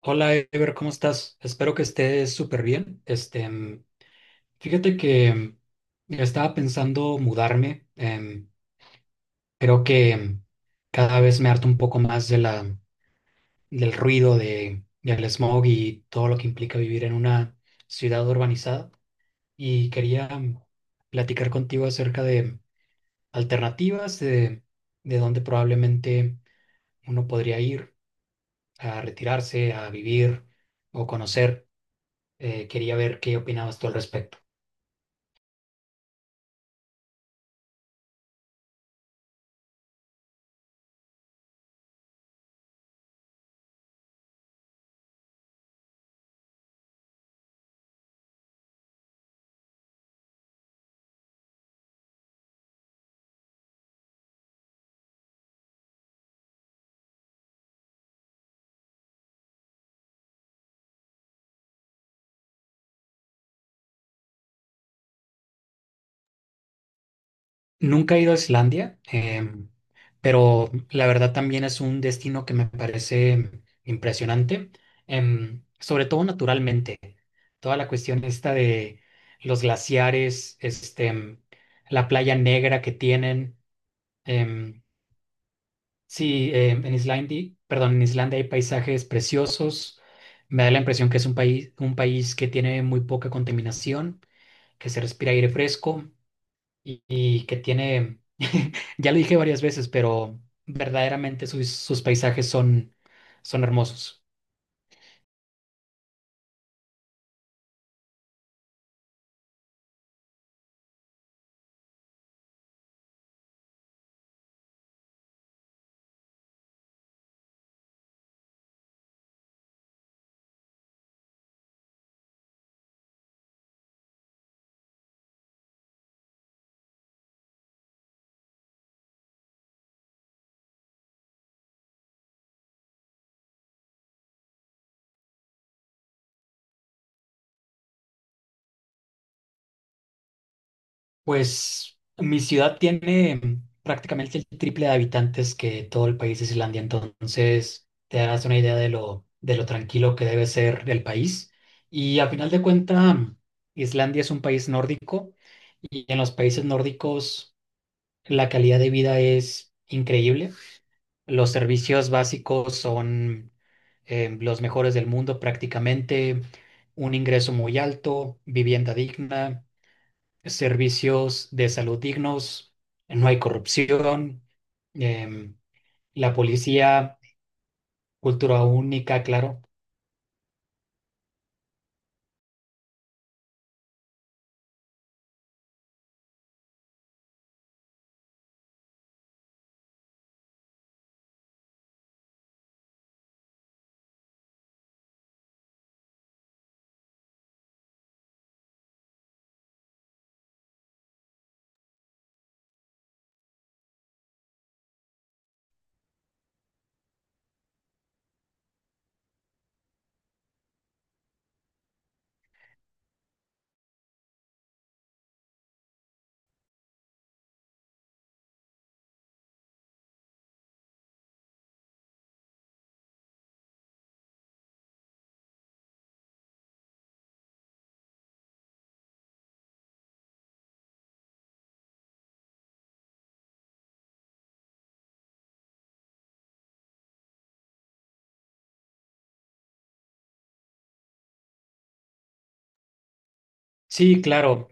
Hola, Ever, ¿cómo estás? Espero que estés súper bien. Fíjate que estaba pensando mudarme. Creo que cada vez me harto un poco más de del ruido, del smog y todo lo que implica vivir en una ciudad urbanizada. Y quería platicar contigo acerca de alternativas, de, de dónde probablemente uno podría ir a retirarse, a vivir o conocer. Quería ver qué opinabas tú al respecto. Nunca he ido a Islandia, pero la verdad también es un destino que me parece impresionante, sobre todo naturalmente. Toda la cuestión esta de los glaciares, la playa negra que tienen. em, en en Islandia hay paisajes preciosos. Me da la impresión que es un un país que tiene muy poca contaminación, que se respira aire fresco. Y que tiene, ya lo dije varias veces, pero verdaderamente sus paisajes son hermosos. Pues mi ciudad tiene prácticamente el triple de habitantes que todo el país de Islandia, entonces te das una idea de de lo tranquilo que debe ser el país. Y a final de cuentas, Islandia es un país nórdico y en los países nórdicos la calidad de vida es increíble. Los servicios básicos son los mejores del mundo prácticamente, un ingreso muy alto, vivienda digna, servicios de salud dignos, no hay corrupción, em, la policía, cultura única, claro. Sí, claro,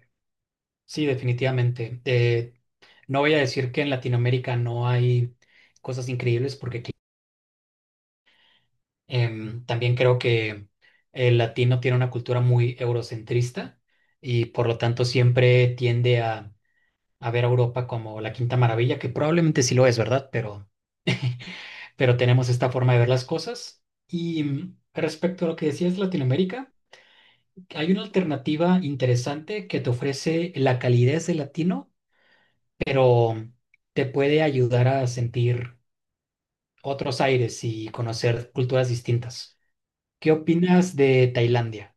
sí, definitivamente. No voy a decir que en Latinoamérica no hay cosas increíbles porque también creo que el latino tiene una cultura muy eurocentrista y por lo tanto siempre tiende a ver a Europa como la quinta maravilla, que probablemente sí lo es, ¿verdad? Pero tenemos esta forma de ver las cosas. Y mm, respecto a lo que decías, Latinoamérica, hay una alternativa interesante que te ofrece la calidez del latino, pero te puede ayudar a sentir otros aires y conocer culturas distintas. ¿Qué opinas de Tailandia?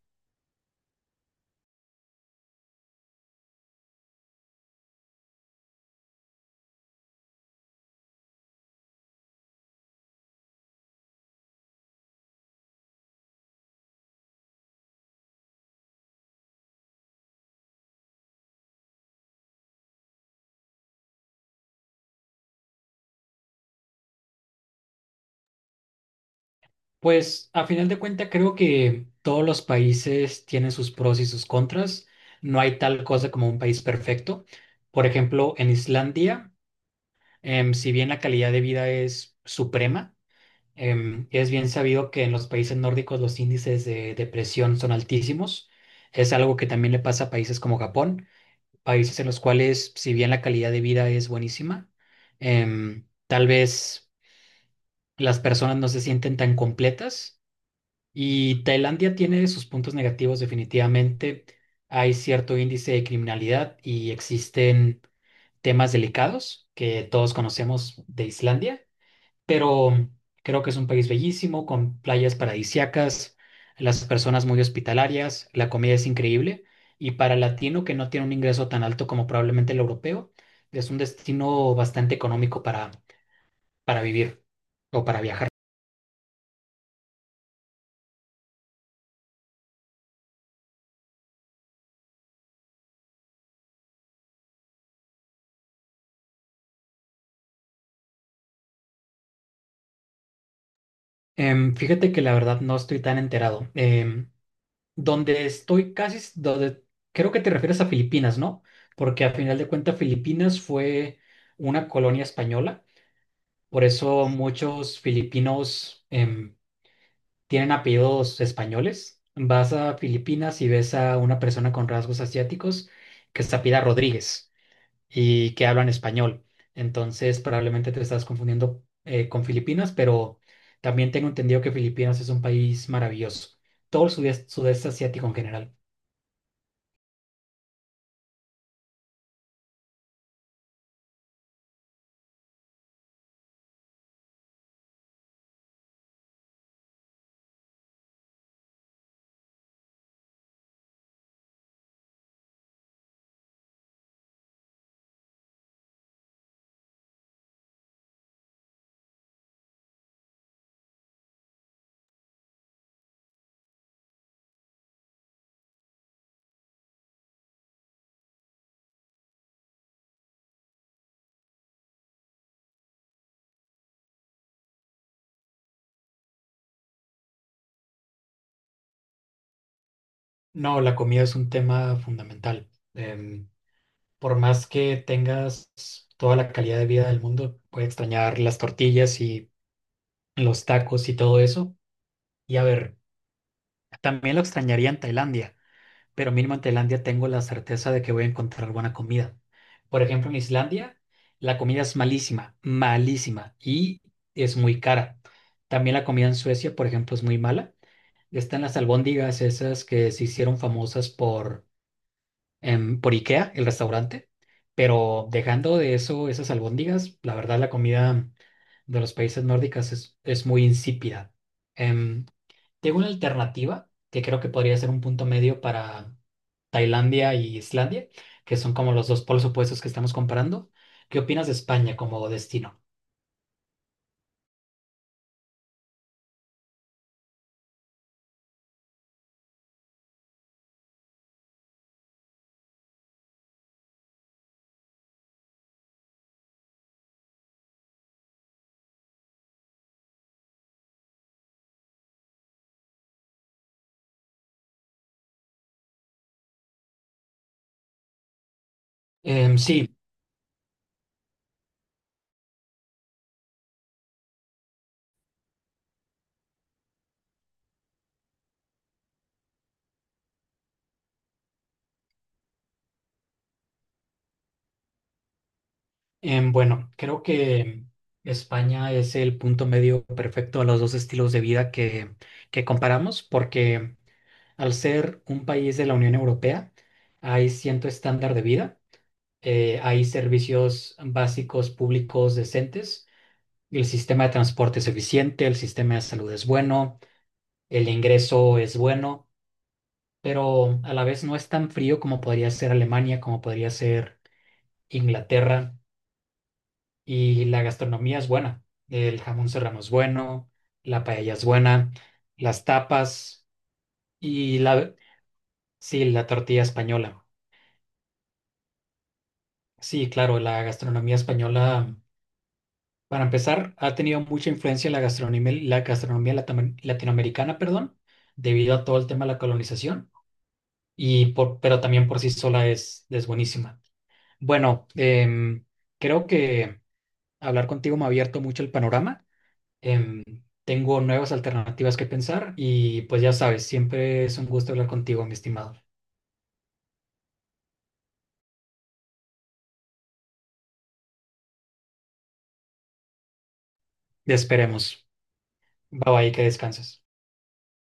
Pues a final de cuentas creo que todos los países tienen sus pros y sus contras. No hay tal cosa como un país perfecto. Por ejemplo, en Islandia, si bien la calidad de vida es suprema, es bien sabido que en los países nórdicos los índices de depresión son altísimos. Es algo que también le pasa a países como Japón, países en los cuales si bien la calidad de vida es buenísima, tal vez las personas no se sienten tan completas y Tailandia tiene sus puntos negativos definitivamente. Hay cierto índice de criminalidad y existen temas delicados que todos conocemos de Islandia, pero creo que es un país bellísimo, con playas paradisíacas, las personas muy hospitalarias, la comida es increíble y para el latino que no tiene un ingreso tan alto como probablemente el europeo, es un destino bastante económico para vivir o para viajar. Fíjate que la verdad no estoy tan enterado. Donde estoy casi, s- Donde creo que te refieres a Filipinas, ¿no? Porque a final de cuentas Filipinas fue una colonia española, por eso muchos filipinos tienen apellidos españoles. Vas a Filipinas y ves a una persona con rasgos asiáticos que se apellida Rodríguez y que hablan español. Entonces probablemente te estás confundiendo con Filipinas, pero también tengo entendido que Filipinas es un país maravilloso, todo el sudeste asiático en general. No, la comida es un tema fundamental. Em, por más que tengas toda la calidad de vida del mundo, puedes extrañar las tortillas y los tacos y todo eso. Y a ver, también lo extrañaría en Tailandia, pero mínimo en Tailandia tengo la certeza de que voy a encontrar buena comida. Por ejemplo, en Islandia, la comida es malísima, malísima y es muy cara. También la comida en Suecia, por ejemplo, es muy mala. Están las albóndigas esas que se hicieron famosas por por IKEA, el restaurante, pero dejando de eso, esas albóndigas, la verdad la comida de los países nórdicos es muy insípida. Em, Tengo una alternativa que creo que podría ser un punto medio para Tailandia y Islandia, que son como los dos polos opuestos que estamos comparando. ¿Qué opinas de España como destino? Em, sí, bueno, creo que España es el punto medio perfecto a los dos estilos de vida que comparamos, porque al ser un país de la Unión Europea, hay cierto estándar de vida, hay servicios básicos públicos decentes, el sistema de transporte es eficiente, el sistema de salud es bueno, el ingreso es bueno, pero a la vez no es tan frío como podría ser Alemania, como podría ser Inglaterra, y la gastronomía es buena. El jamón serrano es bueno, la paella es buena, las tapas y sí, la tortilla española. Sí, claro, la gastronomía española, para empezar, ha tenido mucha influencia en la la gastronomía latinoamericana, perdón, debido a todo el tema de la colonización, y pero también por sí sola es buenísima. Bueno, creo que hablar contigo me ha abierto mucho el panorama. em, Tengo nuevas alternativas que pensar y pues ya sabes, siempre es un gusto hablar contigo, mi estimado. Te esperemos. Bye bye, que descanses.